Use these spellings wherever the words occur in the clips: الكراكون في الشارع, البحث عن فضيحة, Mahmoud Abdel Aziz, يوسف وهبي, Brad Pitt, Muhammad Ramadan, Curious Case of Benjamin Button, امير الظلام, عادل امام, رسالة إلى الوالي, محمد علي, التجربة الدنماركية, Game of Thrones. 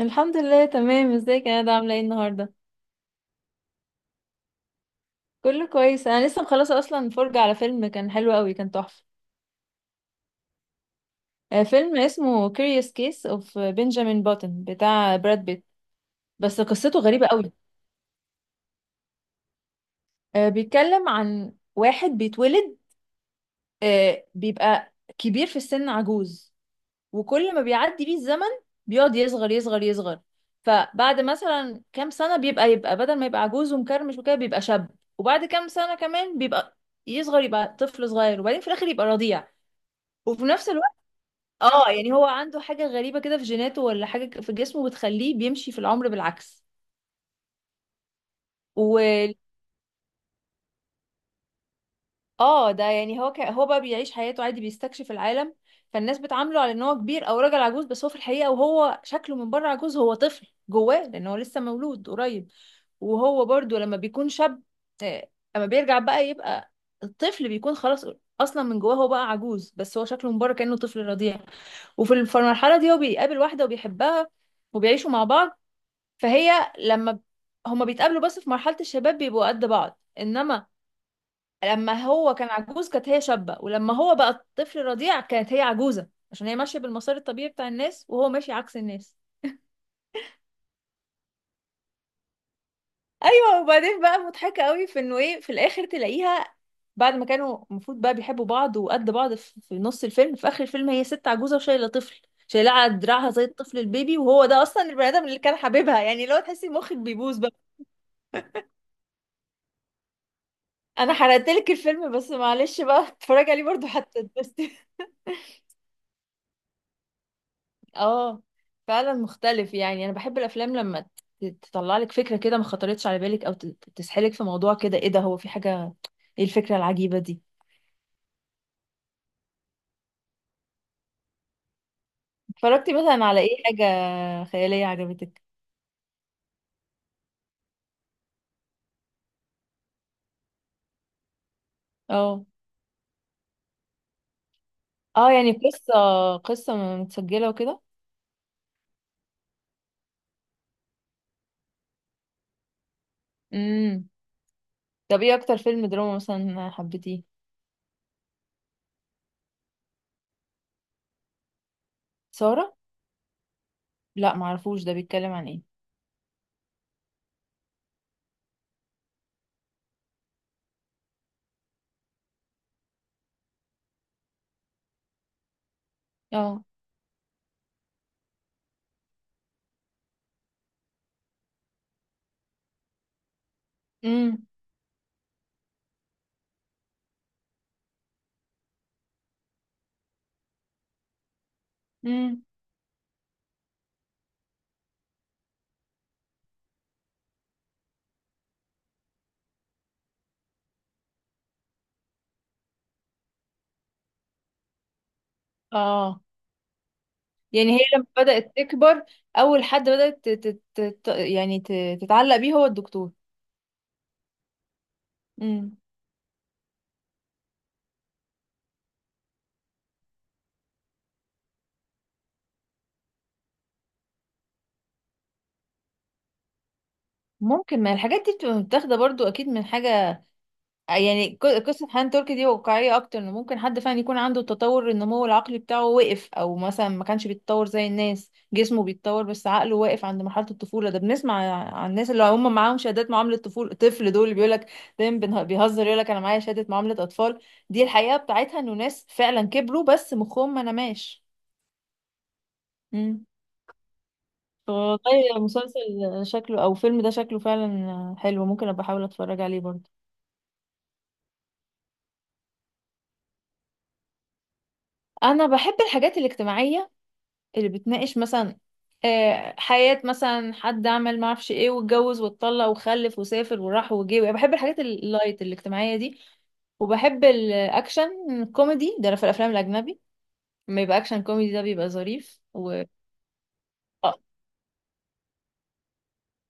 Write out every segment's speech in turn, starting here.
الحمد لله، تمام. ازيك يا ندى؟ عامله ايه النهارده؟ كله كويس. انا لسه مخلصه اصلا فرجه على فيلم، كان حلو قوي، كان تحفه. فيلم اسمه Curious Case of Benjamin Button بتاع براد بيت. بس قصته غريبه قوي. بيتكلم عن واحد بيتولد، بيبقى كبير في السن، عجوز. وكل ما بيعدي بيه الزمن بيقعد يصغر يصغر يصغر. فبعد مثلا كام سنة بيبقى، يبقى بدل ما يبقى عجوز ومكرمش وكده بيبقى شاب. وبعد كام سنة كمان بيبقى يصغر، يبقى طفل صغير، وبعدين في الآخر يبقى رضيع. وفي نفس الوقت، اه يعني هو عنده حاجة غريبة كده في جيناته ولا حاجة في جسمه بتخليه بيمشي في العمر بالعكس. و اه ده يعني هو بقى بيعيش حياته عادي، بيستكشف العالم. فالناس بتعامله على ان هو كبير او راجل عجوز، بس هو في الحقيقة، وهو شكله من بره عجوز، هو طفل جواه لان هو لسه مولود قريب. وهو برضو لما بيكون شاب، آه، اما بيرجع بقى يبقى الطفل، بيكون خلاص اصلا من جواه هو بقى عجوز، بس هو شكله من بره كأنه طفل رضيع. وفي المرحلة دي هو بيقابل واحدة وبيحبها، وبيعيشوا مع بعض. فهي لما ب- هما بيتقابلوا بس في مرحلة الشباب بيبقوا قد بعض، انما لما هو كان عجوز كانت هي شابة، ولما هو بقى طفل رضيع كانت هي عجوزة، عشان هي ماشية بالمسار الطبيعي بتاع الناس وهو ماشي عكس الناس. ايوه، وبعدين بقى مضحكه قوي في انه ايه، في الاخر تلاقيها بعد ما كانوا المفروض بقى بيحبوا بعض وقد بعض في نص الفيلم، في اخر الفيلم هي ست عجوزه وشايله طفل، شايلاه على دراعها زي الطفل البيبي، وهو ده اصلا البني ادم اللي كان حبيبها. يعني لو تحسي مخك بيبوظ بقى. انا حرقت لك الفيلم، بس معلش بقى. اتفرجي عليه برضو حتى تبسطي. اه. فعلا مختلف. يعني انا بحب الافلام لما تطلع لك فكره كده ما خطرتش على بالك، او تسحلك في موضوع كده، ايه ده؟ هو في حاجه؟ ايه الفكره العجيبه دي؟ اتفرجتي مثلا على ايه حاجة خيالية عجبتك؟ اه، اه. يعني قصة متسجلة وكده. امم. طب ايه اكتر فيلم دراما مثلا حبيتيه؟ سارة. لا، معرفوش. ده بيتكلم عن ايه؟ اه. امم. امم. اه، يعني هي لما بدأت تكبر، اول حد بدأت يعني تتعلق بيه هو الدكتور. امم. ممكن. ما الحاجات دي بتبقى متاخدة برضو اكيد من حاجة. يعني قصة حنان تركي دي واقعية أكتر، إن ممكن حد فعلا يكون عنده تطور النمو العقلي بتاعه وقف، أو مثلا ما كانش بيتطور زي الناس، جسمه بيتطور بس عقله واقف عند مرحلة الطفولة. ده بنسمع عن الناس اللي هم معاهم شهادات معاملة طفولة طفل، دول اللي بيقولك دايما، بيهزر يقولك أنا معايا شهادة معاملة أطفال. دي الحقيقة بتاعتها، إنه ناس فعلا كبروا بس مخهم ما نماش. مم. والله، المسلسل شكله أو الفيلم ده شكله فعلا حلو. ممكن أبقى أحاول أتفرج عليه برضه. أنا بحب الحاجات الاجتماعية اللي بتناقش مثلا حياة مثلا حد عمل ما اعرفش ايه واتجوز واتطلق وخلف وسافر وراح وجه. يعني بحب الحاجات اللايت الاجتماعية دي. وبحب الاكشن كوميدي، ده في الافلام الاجنبي لما يبقى اكشن كوميدي ده بيبقى ظريف، آه،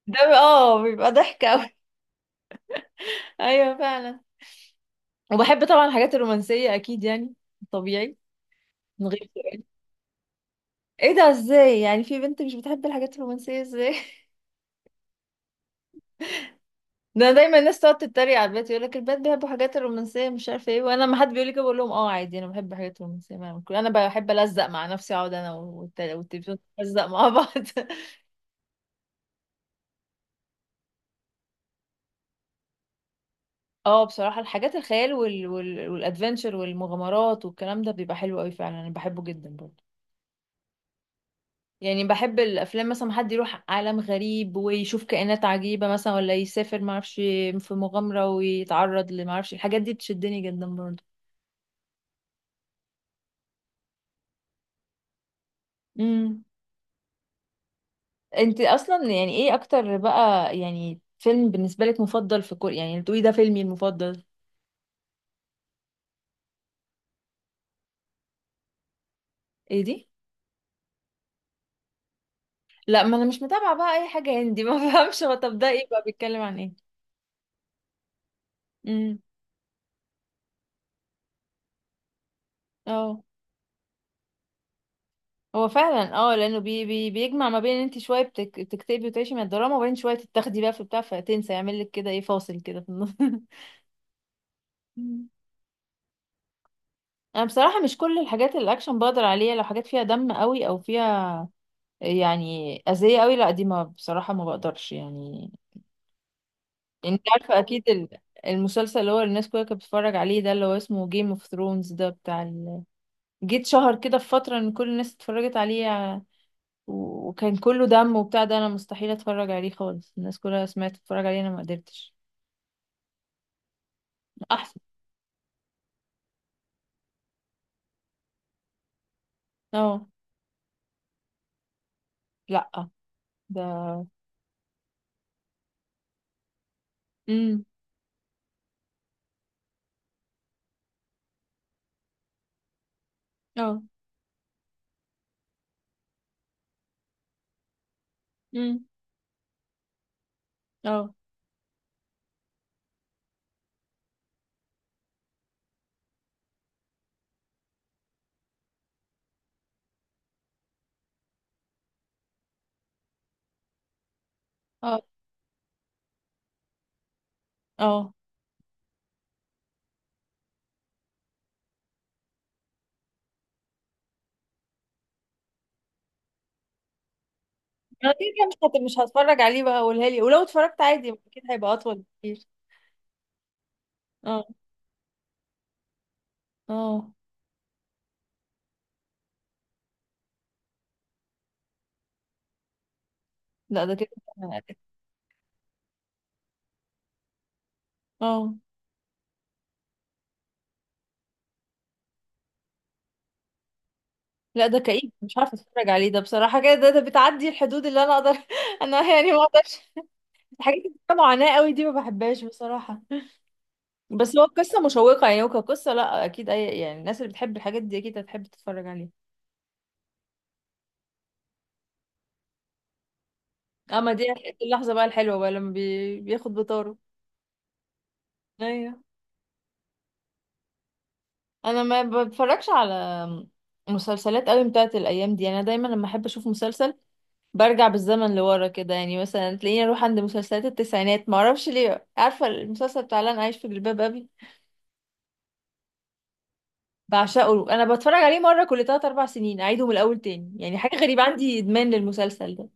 ده بيبقى ضحك قوي. ايوه، فعلا. وبحب طبعا الحاجات الرومانسية اكيد يعني، طبيعي. من غير سؤال. ايه ده؟ ازاي يعني في بنت مش بتحب الحاجات الرومانسية؟ ازاي؟ ده دايما الناس تقعد تتريق على البنات، يقول لك البنات بيحبوا حاجات الرومانسيه مش عارفه ايه، وانا لما حد بيقول لي كده بقول لهم اه عادي، انا بحب حاجات رومانسيه، ما أعمل كده. انا بحب الزق مع نفسي، اقعد انا والتلفزيون نلزق مع بعض. اه، بصراحه الحاجات الخيال والادفنتشر والمغامرات والكلام ده بيبقى حلو قوي فعلا، انا بحبه جدا برضه. يعني بحب الافلام مثلا، حد يروح عالم غريب ويشوف كائنات عجيبه مثلا، ولا يسافر ما اعرفش في مغامره ويتعرض لما اعرفش، الحاجات دي بتشدني جدا. برضه. انت اصلا يعني ايه اكتر بقى، يعني فيلم بالنسبه لك مفضل في كوريا يعني تقولي ده فيلمي المفضل؟ ايه دي؟ لا، ما انا مش متابعه بقى اي حاجه هندي. ما فهمش هو، طب ده ايه بقى؟ بيتكلم عن ايه؟ امم. اه هو فعلا. اه، لانه بي بي بيجمع ما بين ان انت شويه بتكتبي وتعيشي من الدراما، وبين شويه تتاخدي بقى في بتاع، فتنسى يعمل لك كده ايه، فاصل كده في النص. مم. انا بصراحه مش كل الحاجات الاكشن بقدر عليها، لو حاجات فيها دم قوي او فيها يعني اذيه قوي، لا دي ما، بصراحه ما بقدرش يعني. لان انت عارفة اكيد، المسلسل اللي هو الناس كلها كانت بتتفرج عليه ده اللي هو اسمه جيم اوف ثرونز، ده بتاع جيت شهر كده في فترة ان كل الناس اتفرجت عليه، وكان كله دم وبتاع ده، انا مستحيل اتفرج عليه خالص، الناس كلها سمعت تتفرج عليه، انا ما قدرتش. احسن. اه، لا، ده. امم. اه. امم. اه. اه. اه. انا كده كده مش هتفرج عليه بقى، قولها لي. ولو اتفرجت عادي اكيد هيبقى اطول بكتير. اه. اه، لا، ده كده. اه، لا، ده كئيب، مش عارفه اتفرج عليه، ده بصراحه كده ده بتعدي الحدود اللي انا اقدر. انا يعني ما اقدرش. الحاجات اللي فيها معاناه قوي دي ما بحبهاش بصراحه. بس هو قصه مشوقه يعني، وكقصه لا اكيد، اي يعني الناس اللي بتحب الحاجات دي اكيد هتحب تتفرج عليها. اما دي، اللحظه بقى الحلوه بقى لما بياخد بطاره. ايوه. انا ما بتفرجش على مسلسلات قوي بتاعت الايام دي، يعني انا دايما لما احب اشوف مسلسل برجع بالزمن لورا كده، يعني مثلا تلاقيني اروح عند مسلسلات التسعينات، ما اعرفش ليه. عارفه المسلسل بتاع لن عايش في جلباب ابي؟ بعشقه، انا بتفرج عليه مره كل 3 4 سنين، اعيده من الاول تاني. يعني حاجه غريبه، عندي ادمان للمسلسل ده.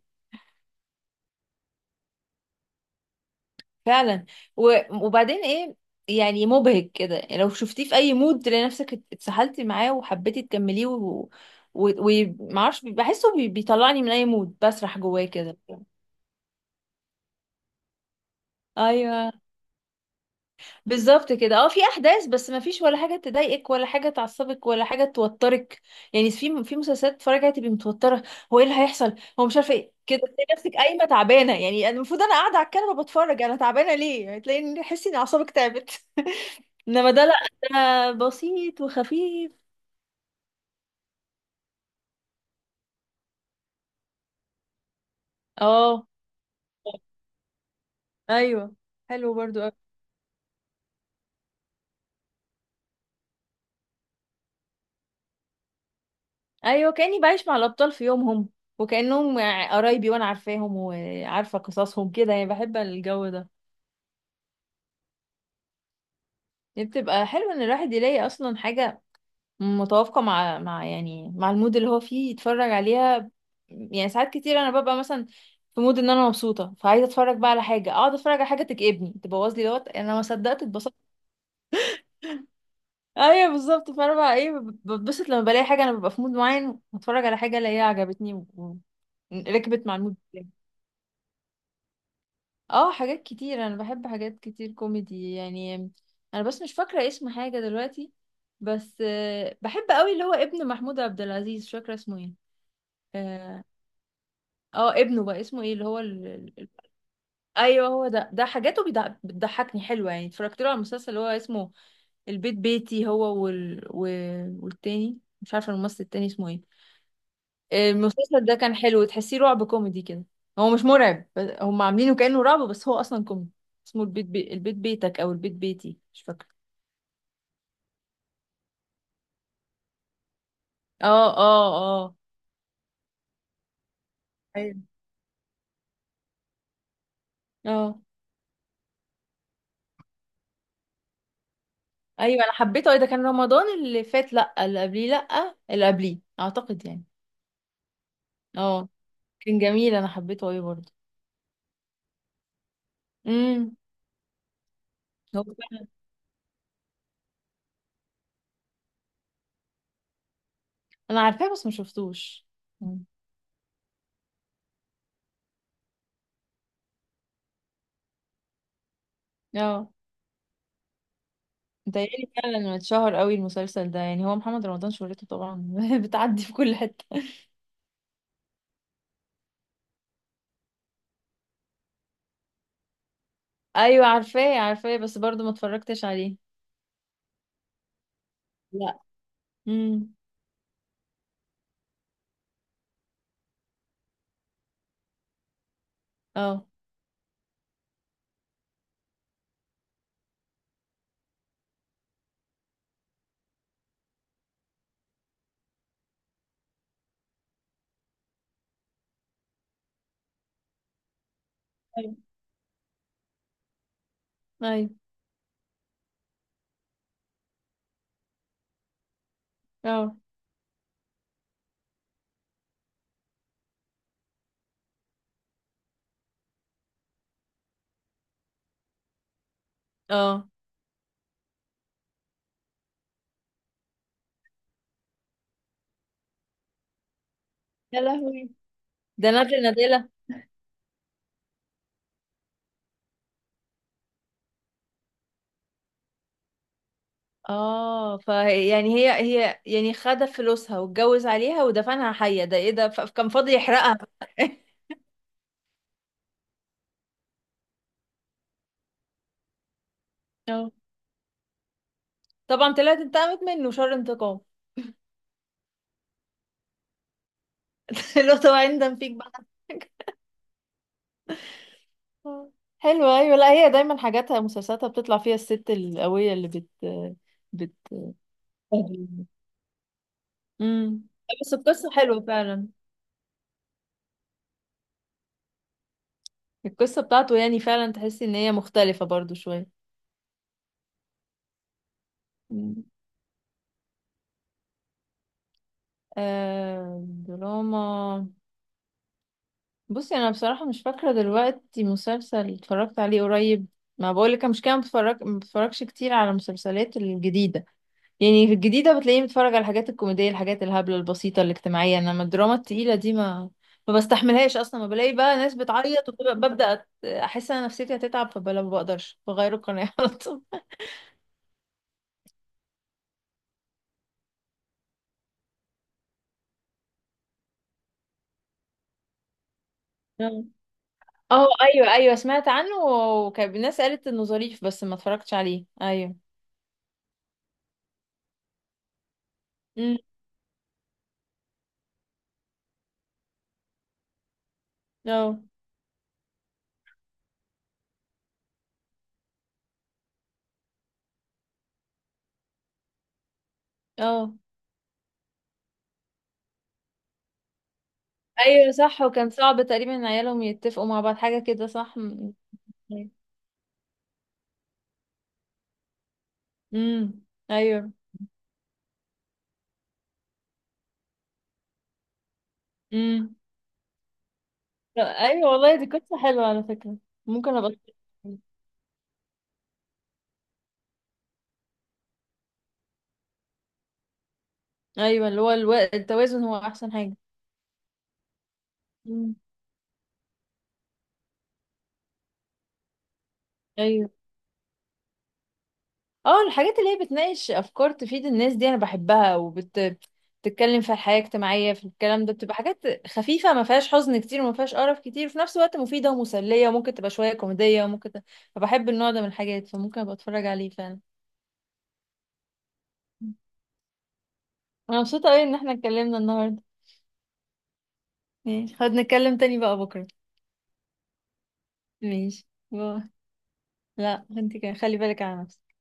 فعلا. وبعدين ايه، يعني مبهج كده، يعني لو شفتيه في اي مود تلاقي نفسك اتسحلتي معاه وحبيتي تكمليه و... ومعرفش، بحسه بيطلعني من اي مود، بسرح جواه كده. ايوه بالظبط كده. اه، في احداث بس ما فيش ولا حاجه تضايقك ولا حاجه تعصبك ولا حاجه توترك. يعني في مسلسلات تتفرجي عليها تبقي متوتره، هو ايه اللي هيحصل؟ هو مش عارفه ايه كده، تلاقي نفسك قايمه تعبانه، يعني أنا المفروض انا قاعده على الكنبه بتفرج، انا تعبانه ليه؟ يعني تلاقي ان، تحسي ان اعصابك تعبت. انما ده لا، ده بسيط وخفيف. اه، ايوه، حلو برضو أوي. ايوه، كاني بعيش مع الابطال في يومهم، وكانهم قرايبي، وانا عارفاهم وعارفه قصصهم كده، يعني بحب الجو ده. دي بتبقى حلو ان الواحد يلاقي اصلا حاجة متوافقة مع يعني مع المود اللي هو فيه، يتفرج عليها. يعني ساعات كتير انا ببقى مثلا في مود ان انا مبسوطة، فعايزة اتفرج بقى على حاجة، اقعد اتفرج على حاجة تكئبني، تبوظ لي دوت، انا ما صدقت اتبسطت. ايوه بالظبط. فانا بقى ايه بتبسط لما بلاقي حاجة، انا ببقى في مود معين واتفرج على حاجة الاقيها عجبتني ركبت مع المود. اه، حاجات كتير، انا بحب حاجات كتير كوميدي يعني. انا بس مش فاكره اسم حاجه دلوقتي. بس بحب قوي اللي هو ابن محمود عبد العزيز، مش فاكره اسمه ايه. اه. ابنه بقى اسمه ايه، اللي هو ايوه هو ده حاجاته بتضحكني، حلوه يعني. اتفرجت له على المسلسل اللي هو اسمه البيت بيتي، هو والتاني مش عارفه الممثل التاني اسمه ايه. المسلسل ده كان حلو، تحسيه رعب كوميدي كده. هو مش مرعب، هم عاملينه كأنه رعب بس هو أصلا كوميدي. اسمه البيت البيت بيتك، أو البيت بيتي، مش فاكرة. اه. اه. اه. ايوه. اه. ايوه، انا حبيته. ده كان رمضان اللي فات، لا اللي قبليه، لا اللي قبليه اعتقد يعني. اه. كان جميل، انا حبيته قوي برضه. امم. هو فعلا. انا عارفاه، بس ما شفتوش. مم. اه، متهيألي فعلا إنه اتشهر قوي المسلسل ده، يعني هو محمد رمضان شهرته طبعا بتعدي في كل حته. ايوه، عارفاه عارفاه، بس برضو ما اتفرجتش عليه. لا. امم. اه. أيوة. ايوه. اه. اه. يا لهوي! ده نادلة نادلة! اه، فيعني هي يعني خد فلوسها واتجوز عليها ودفنها حية، ده ايه ده؟ كان فاضي يحرقها. اه طبعا، طلعت انتقمت منه شر انتقام. لو طبعا، يندم فيك بقى. آه. حلوة. ايوه، لا هي دايما حاجاتها مسلسلاتها بتطلع فيها الست القوية اللي بت أهلاً. امم. بس القصة حلوة فعلا. القصة بتاعته يعني فعلا تحسي ان هي مختلفة برضو شوية. مم. آه، دراما. بصي، انا بصراحة مش فاكرة دلوقتي مسلسل اتفرجت عليه قريب. ما بقولك أنا مش كده بتفرج، ما بتفرجش كتير على المسلسلات الجديدة. يعني في الجديدة بتلاقيني بتفرج على الحاجات الكوميدية، الحاجات الهبلة البسيطة الاجتماعية، انما الدراما التقيلة دي ما بستحملهاش اصلا، ما بلاقي بقى ناس بتعيط وببدأ احس ان أنا نفسيتي هتتعب، فبلا ما بقدرش بغير القناة على طول. اه. ايوه، ايوه، سمعت عنه وكان الناس قالت انه ظريف، بس ما اتفرجتش عليه. ايوه. امم. اه. اه. ايوه صح. وكان صعب تقريبا ان عيالهم يتفقوا مع بعض حاجه كده، صح؟ امم. ايوه. امم. ايوه، والله دي قصه حلوه على فكره. ممكن ابقى. ايوه، اللي هو التوازن هو احسن حاجه. امم. ايوه. اه، الحاجات اللي هي بتناقش افكار تفيد الناس دي انا بحبها، بتتكلم في الحياة الاجتماعية في الكلام ده، بتبقى حاجات خفيفة ما فيهاش حزن كتير وما فيهاش قرف كتير، وفي نفس الوقت مفيدة ومسلية، وممكن تبقى شوية كوميدية، وممكن فبحب النوع ده من الحاجات، فممكن ابقى اتفرج عليه فعلا. انا مبسوطة قوي ان احنا اتكلمنا النهاردة. ماشي، خد نتكلم تاني بقى بكرة. ماشي، باي. لا، انت كده خلي بالك على نفسك.